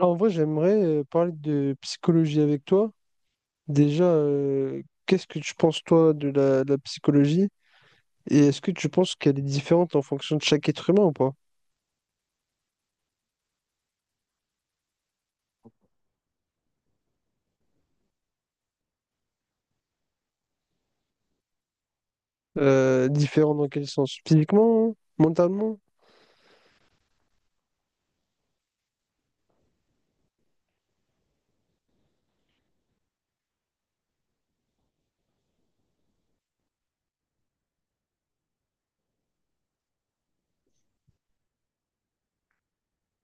En vrai, j'aimerais parler de psychologie avec toi. Déjà, qu'est-ce que tu penses, toi, de la psychologie? Et est-ce que tu penses qu'elle est différente en fonction de chaque être humain ou pas? Différente dans quel sens? Physiquement? Hein? Mentalement?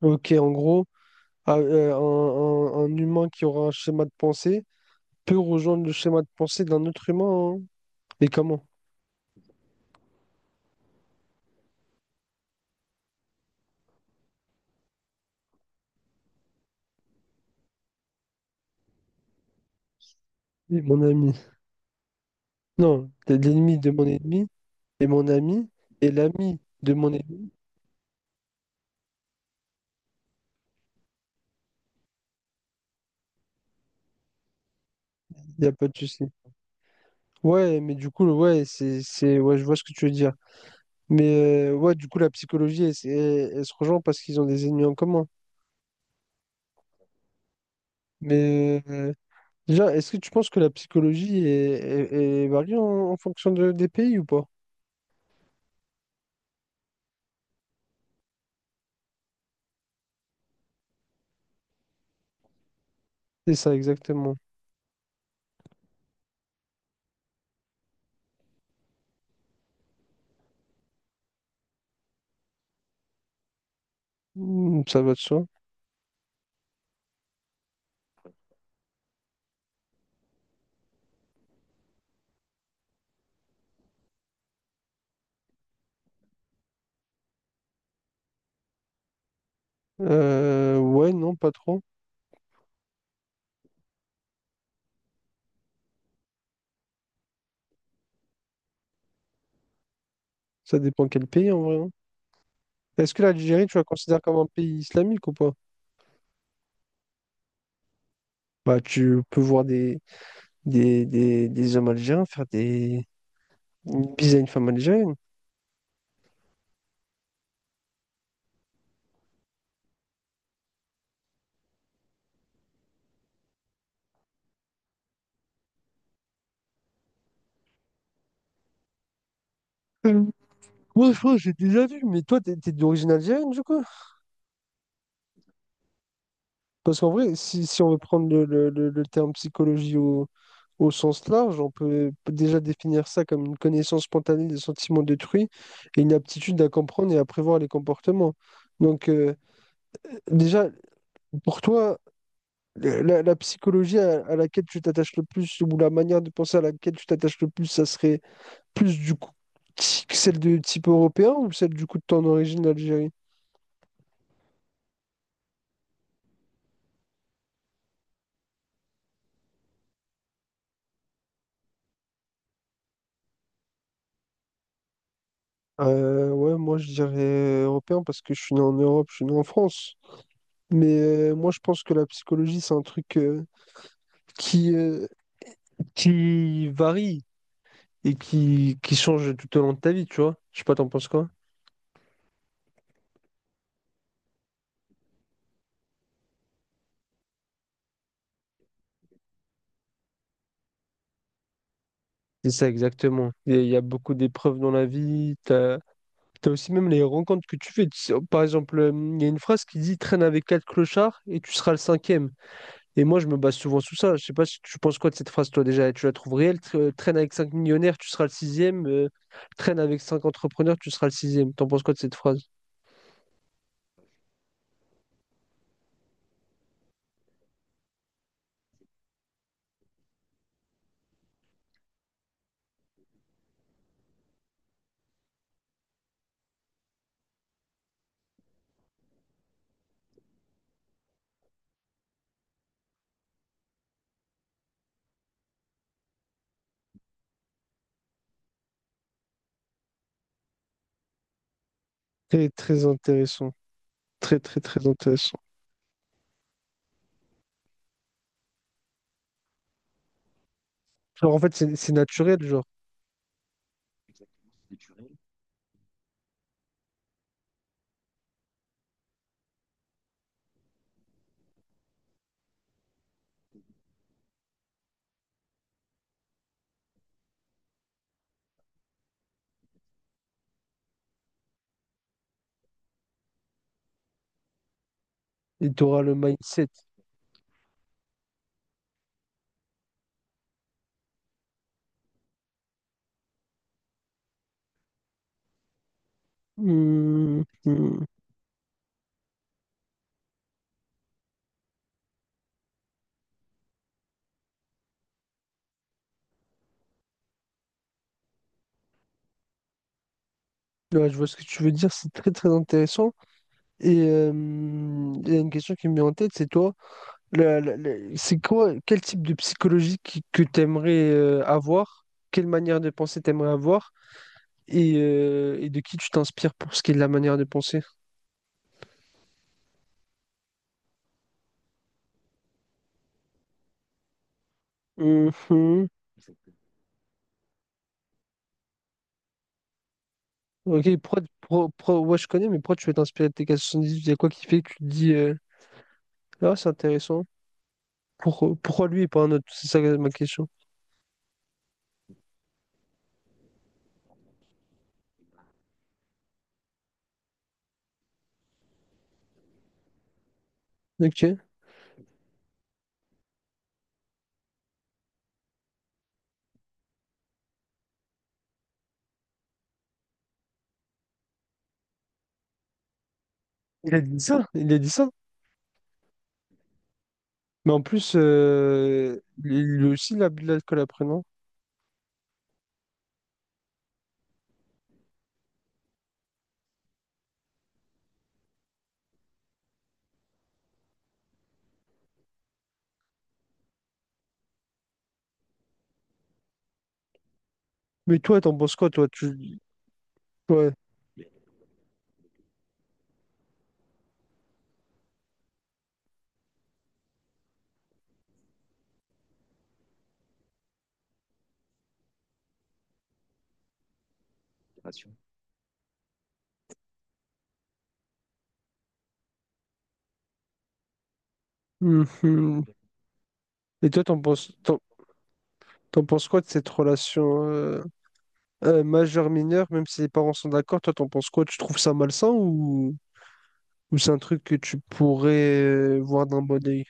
Ok, en gros, ah, euh, un, un humain qui aura un schéma de pensée peut rejoindre le schéma de pensée d'un autre humain, hein. Et comment? Oui, mon ami. Non, t'es l'ennemi de mon ennemi et mon ami est l'ami de mon ennemi. Il n'y a pas de souci. Ouais, mais du coup, ouais, c'est, ouais, je vois ce que tu veux dire. Ouais, du coup, la psychologie, elle se rejoint parce qu'ils ont des ennemis en commun. Mais euh, Déjà, est-ce que tu penses que la psychologie est variée en fonction des pays ou pas? C'est ça exactement. Ça va de soi. Ouais, non, pas trop. Ça dépend quel pays en vrai, hein. Est-ce que l'Algérie, tu la considères comme un pays islamique ou pas? Bah, tu peux voir des hommes algériens faire des bises à une femme algérienne. Ouais, je crois que j'ai déjà vu, mais toi, t'es d'origine algérienne, du coup? Parce qu'en vrai, si on veut prendre le terme psychologie au sens large, on peut déjà définir ça comme une connaissance spontanée des sentiments d'autrui et une aptitude à comprendre et à prévoir les comportements. Donc, déjà, pour toi, la psychologie à laquelle tu t'attaches le plus, ou la manière de penser à laquelle tu t'attaches le plus, ça serait plus du coup celle de type européen ou celle du coup de ton origine d'Algérie? Ouais, moi je dirais européen parce que je suis né en Europe, je suis né en France. Moi je pense que la psychologie c'est un truc qui, euh, qui varie et qui change tout au long de ta vie, tu vois. Je sais pas, t'en penses quoi? C'est ça exactement. Il y a beaucoup d'épreuves dans la vie. T'as aussi même les rencontres que tu fais. Tu sais, par exemple, il y a une phrase qui dit, traîne avec quatre clochards et tu seras le cinquième. Et moi, je me base souvent sur ça. Je sais pas si tu penses quoi de cette phrase, toi, déjà. Tu la trouves réelle? Traîne avec 5 millionnaires, tu seras le sixième. Traîne avec 5 entrepreneurs, tu seras le sixième. T'en penses quoi de cette phrase? Très, très intéressant. Très, très, très intéressant. Genre, en fait, c'est naturel, genre. Et tu auras le mindset. Hmm, hmm. Ouais, je vois ce que tu veux dire. C'est très, très intéressant. Et euh, il y a une question qui me vient en tête, c'est toi. C'est quoi, quel type de psychologie que tu aimerais avoir? Quelle manière de penser t'aimerais avoir? Et de qui tu t'inspires pour ce qui est de la manière de penser? Mhm. Ok, ouais, je connais, mais pourquoi tu veux t'inspirer de TK 78? Il y a quoi qui fait que tu te dis, c'est intéressant. Pourquoi lui et pas un autre? C'est ça ma question. Ok. Il a dit ça, il a dit ça. Mais en plus, lui aussi, il a bu de l'alcool après, non? Mais toi, t'en penses quoi, toi? Tu... Ouais. Mhm. Et toi, t'en penses quoi de cette relation? Majeur, mineur, même si les parents sont d'accord, toi, t'en penses quoi? Tu trouves ça malsain ou c'est un truc que tu pourrais voir d'un bon œil?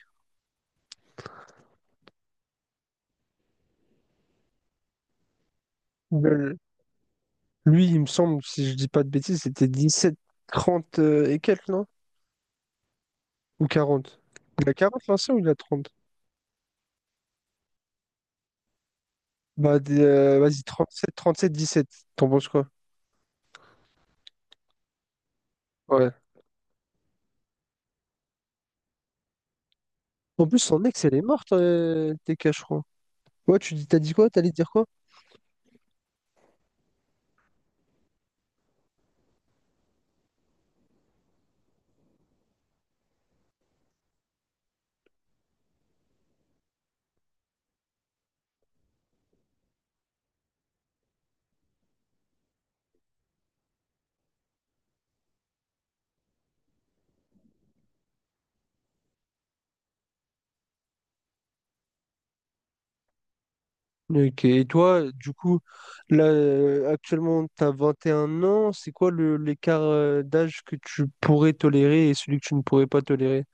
Euh, Lui, il me semble, si je dis pas de bêtises, c'était 17, 30 et quelques, non? Ou 40. Il a 40 l'ancien ou il a 30. Bah, vas-y, sept 17. T'en penses quoi? Ouais. En plus, son ex, elle est morte, TK, je crois. Ouais, tu dis, t'as dit quoi? T'allais dire quoi? Ok, et toi, du coup, là, actuellement, tu as 21 ans, c'est quoi l'écart d'âge que tu pourrais tolérer et celui que tu ne pourrais pas tolérer?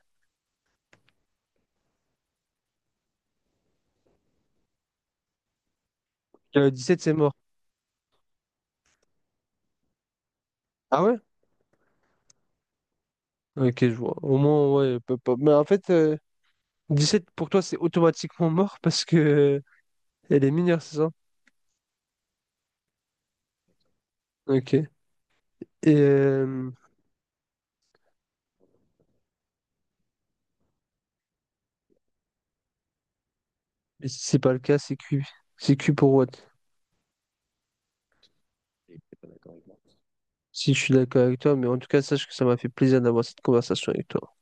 17, c'est mort. Ah ouais? Ok, je vois. Au moins, ouais. Mais en fait, 17, pour toi, c'est automatiquement mort, parce que elle est mineure, c'est ça? Ok. Euh, et si c'est pas le cas, c'est cuit. C'est cuit pour what? Si je suis d'accord avec toi, mais en tout cas, sache que ça m'a fait plaisir d'avoir cette conversation avec toi.